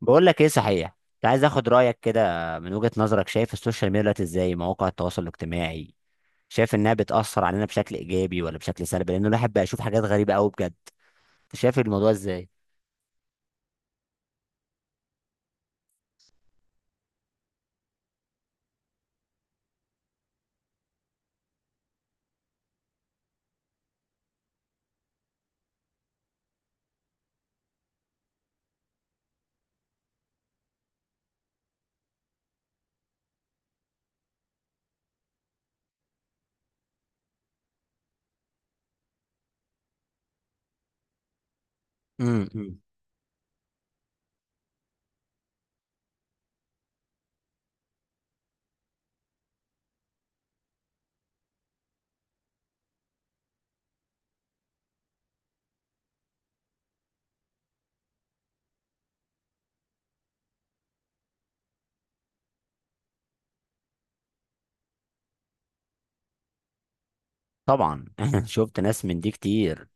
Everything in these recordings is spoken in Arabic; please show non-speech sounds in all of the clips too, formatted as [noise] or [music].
بقول لك ايه صحيح. كنت عايز اخد رايك كده، من وجهة نظرك شايف السوشيال ميديا دلوقتي ازاي؟ مواقع التواصل الاجتماعي شايف انها بتأثر علينا بشكل ايجابي ولا بشكل سلبي؟ لان الواحد بقى يشوف حاجات غريبة قوي بجد. انت شايف الموضوع ازاي؟ أمم. طبعا [laughs] شفت ناس من دي كتير.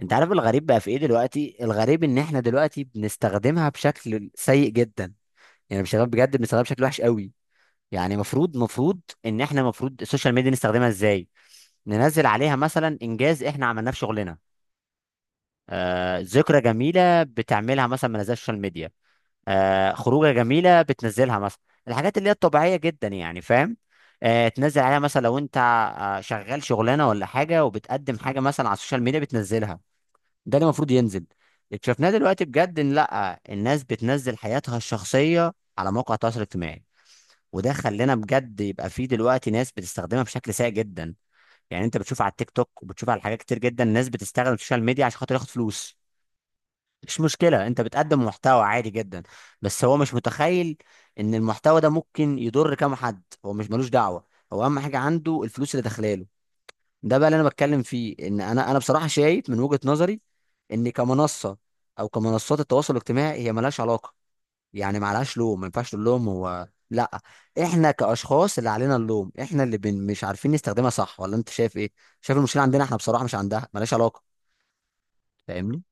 انت عارف الغريب بقى في ايه دلوقتي؟ الغريب ان احنا دلوقتي بنستخدمها بشكل سيء جدا. يعني مش بجد، بنستخدمها بشكل وحش قوي. يعني مفروض ان احنا مفروض السوشيال ميديا نستخدمها ازاي؟ ننزل عليها مثلا انجاز احنا عملناه في شغلنا، ذكرى جميلة بتعملها مثلا من السوشيال ميديا، خروجة جميلة بتنزلها مثلا. الحاجات اللي هي الطبيعية جدا يعني، فاهم؟ تنزل عليها مثلا لو انت شغال شغلانة ولا حاجة وبتقدم حاجة مثلا على السوشيال ميديا بتنزلها. ده اللي المفروض ينزل. اكتشفناه دلوقتي بجد ان لا، الناس بتنزل حياتها الشخصية على مواقع التواصل الاجتماعي، وده خلانا بجد يبقى فيه دلوقتي ناس بتستخدمها بشكل سيء جدا. يعني انت بتشوف على التيك توك وبتشوف على حاجات كتير جدا، ناس بتستخدم السوشيال ميديا عشان خاطر ياخد فلوس. مش مشكلة، انت بتقدم محتوى عادي جدا، بس هو مش متخيل ان المحتوى ده ممكن يضر كام حد. هو مش ملوش دعوة، هو اهم حاجة عنده الفلوس اللي داخلاله. ده بقى اللي انا بتكلم فيه. ان انا بصراحة شايف من وجهة نظري ان كمنصة او كمنصات التواصل الاجتماعي هي ملهاش علاقة. يعني معلهاش لوم، ما ينفعش تقول لهم هو. لا، احنا كاشخاص اللي علينا اللوم، احنا اللي مش عارفين نستخدمها صح، ولا انت شايف ايه؟ شايف المشكلة عندنا احنا بصراحة، مش عندها، ملهاش علاقة. فاهمني؟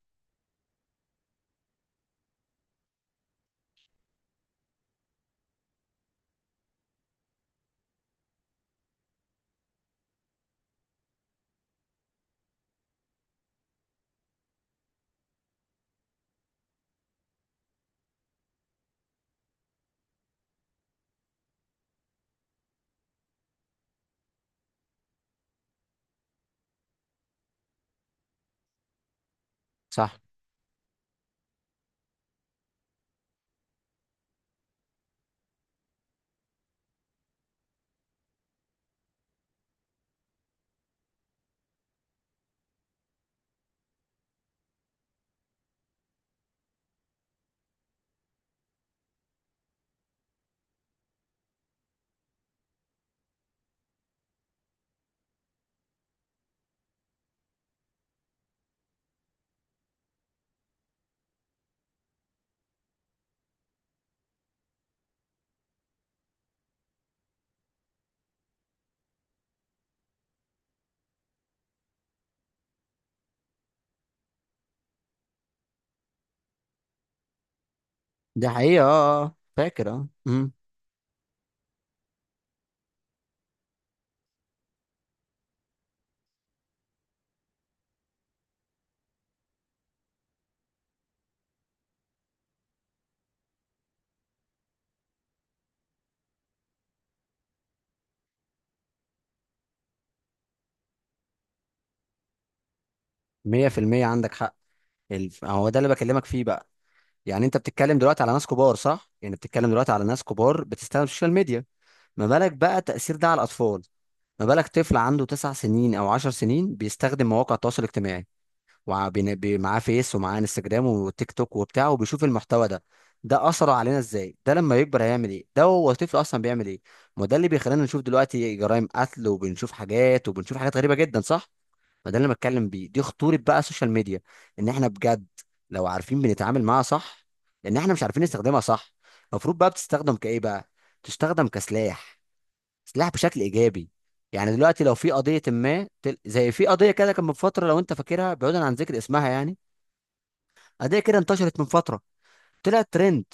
صح. ده حقيقة، فاكر، مية في المية عندك حق. هو ده اللي بكلمك فيه بقى. يعني انت بتتكلم دلوقتي على ناس كبار، صح؟ يعني بتتكلم دلوقتي على ناس كبار بتستخدم السوشيال ميديا، ما بالك بقى التأثير ده على الأطفال؟ ما بالك طفل عنده 9 سنين أو 10 سنين بيستخدم مواقع التواصل الاجتماعي، معاه فيس ومعاه انستجرام وتيك توك وبتاع وبيشوف المحتوى ده؟ ده أثره علينا ازاي؟ ده لما يكبر هيعمل ايه؟ ده هو طفل أصلا بيعمل ايه؟ ما ده اللي بيخلينا نشوف دلوقتي جرائم قتل، وبنشوف حاجات، وبنشوف حاجات غريبة جدا، صح؟ فده اللي أنا بتكلم بيه، دي خطورة بقى السوشيال ميديا. ان احنا بجد لو عارفين بنتعامل معاها صح، لان احنا مش عارفين نستخدمها صح. المفروض بقى بتستخدم كايه بقى؟ تستخدم كسلاح، سلاح بشكل ايجابي. يعني دلوقتي لو في قضية ما تل- زي في قضية كده كان من فترة، لو انت فاكرها بعيدا عن ذكر اسمها يعني، قضية كده انتشرت من فترة، طلعت ترند،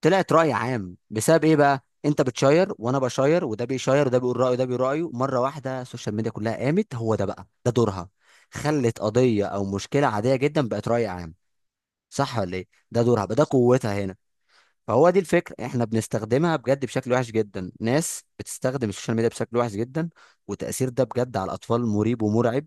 طلعت رأي عام، بسبب ايه بقى؟ انت بتشير وانا بشير وده بيشير وده بيقول رأيه وده بيقول رأيه، مرة واحدة السوشيال ميديا كلها قامت. هو ده بقى ده دورها، خلت قضية او مشكلة عادية جدا بقت رأي عام. صح ولا ايه؟ ده دورها بقى، ده قوتها هنا. فهو دي الفكرة، احنا بنستخدمها بجد بشكل وحش جدا، ناس بتستخدم السوشيال ميديا بشكل وحش جدا. وتأثير ده بجد على الأطفال مريب ومرعب.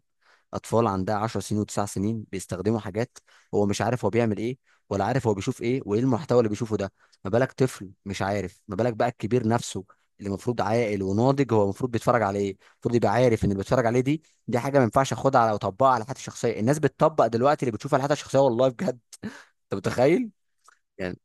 اطفال عندها 10 سنين و9 سنين بيستخدموا حاجات، هو مش عارف هو بيعمل ايه، ولا عارف هو بيشوف ايه، وايه المحتوى اللي بيشوفه ده. ما بالك طفل مش عارف، ما بالك بقى الكبير نفسه اللي المفروض عاقل وناضج؟ هو المفروض بيتفرج على ايه؟ المفروض يبقى عارف ان اللي بيتفرج عليه دي حاجه ما ينفعش اخدها على، اطبقها على حياتي الشخصيه. الناس بتطبق دلوقتي اللي بتشوفها على حياتها الشخصيه، والله بجد. انت متخيل؟ يعني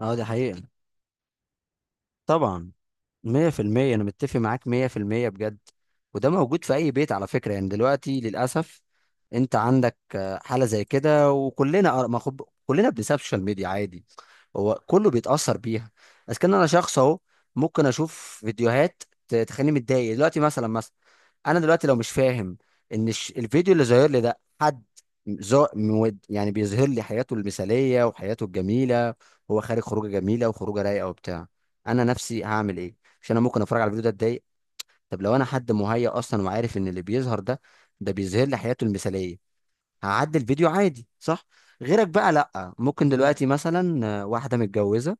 اه، دي حقيقه. طبعا، مية في المية أنا متفق معاك، مية في المية بجد. وده موجود في أي بيت على فكرة، يعني دلوقتي للأسف. أنت عندك حالة زي كده، وكلنا آه، ما خب... كلنا بنساب السوشيال ميديا عادي. هو كله بيتأثر بيها. بس كان انا شخص اهو، ممكن اشوف فيديوهات تخليني متضايق دلوقتي مثلا انا دلوقتي لو مش فاهم ان الفيديو اللي ظاهر لي ده حد زو مود، يعني بيظهر لي حياته المثالية وحياته الجميلة، هو خارج خروجة جميلة وخروجة رايقة وبتاع، انا نفسي هعمل ايه؟ عشان انا ممكن اتفرج على الفيديو ده اتضايق. طب لو انا حد مهيأ اصلا وعارف ان اللي بيظهر ده، ده بيظهر لي حياته المثالية، هعدي الفيديو عادي، صح؟ غيرك بقى لا. ممكن دلوقتي مثلا واحدة متجوزة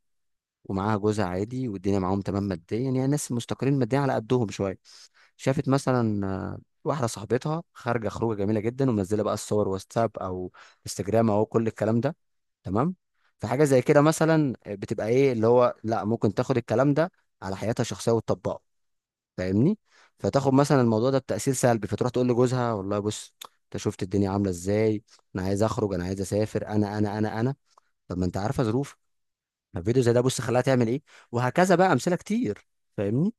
ومعاها جوزها عادي والدنيا معاهم تمام ماديا، يعني ناس مستقرين ماديا على قدهم شويه، شافت مثلا واحده صاحبتها خارجه خروجه جميله جدا، ومنزله بقى الصور واتساب او انستجرام او كل الكلام ده، تمام؟ فحاجه زي كده مثلا بتبقى ايه اللي هو، لا ممكن تاخد الكلام ده على حياتها الشخصيه وتطبقه، فاهمني؟ فتاخد مثلا الموضوع ده بتاثير سلبي، فتروح تقول لجوزها والله بص، انت شفت الدنيا عامله ازاي؟ انا عايز اخرج، انا عايز اسافر، انا انا انا انا، طب ما انت عارفه ظروفي. فيديو زي ده بص خلاها تعمل ايه، وهكذا بقى امثله كتير، فاهمني؟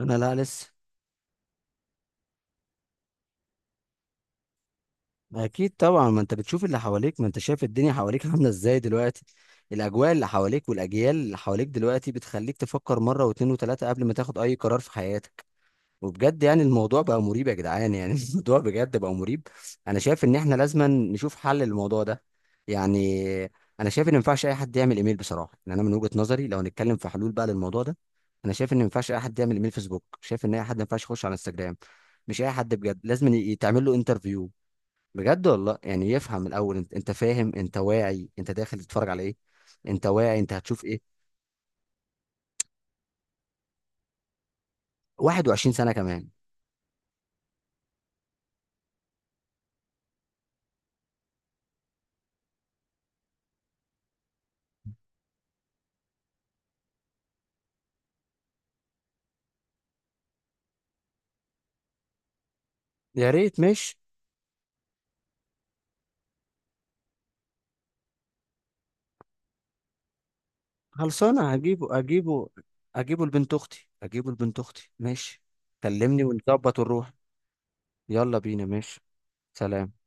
انا لا، لسه. اكيد طبعا، ما انت بتشوف اللي حواليك، ما انت شايف الدنيا حواليك عامله ازاي دلوقتي. الاجواء اللي حواليك والاجيال اللي حواليك دلوقتي بتخليك تفكر مره واثنين وثلاثه قبل ما تاخد اي قرار في حياتك. وبجد يعني الموضوع بقى مريب يا جدعان، يعني [laughs] الموضوع بجد بقى مريب. انا شايف ان احنا لازم نشوف حل للموضوع ده. يعني انا شايف ان ما ينفعش اي حد يعمل ايميل بصراحه. يعني انا من وجهه نظري لو هنتكلم في حلول بقى للموضوع ده، انا شايف ان ما ينفعش اي حد يعمل ايميل فيسبوك، شايف ان اي حد ما ينفعش يخش على انستجرام. مش اي حد، بجد لازم يتعمل له انترفيو، بجد والله، يعني يفهم الاول. انت انت فاهم؟ انت واعي انت داخل تتفرج على ايه؟ انت واعي انت هتشوف ايه؟ 21 سنه كمان. يا ريت، ماشي. خلصانة، هجيبه هجيبه. هجيبه لبنت أختي، هجيبه لبنت أختي، ماشي. كلمني ونظبط ونروح. يلا بينا، ماشي. سلام.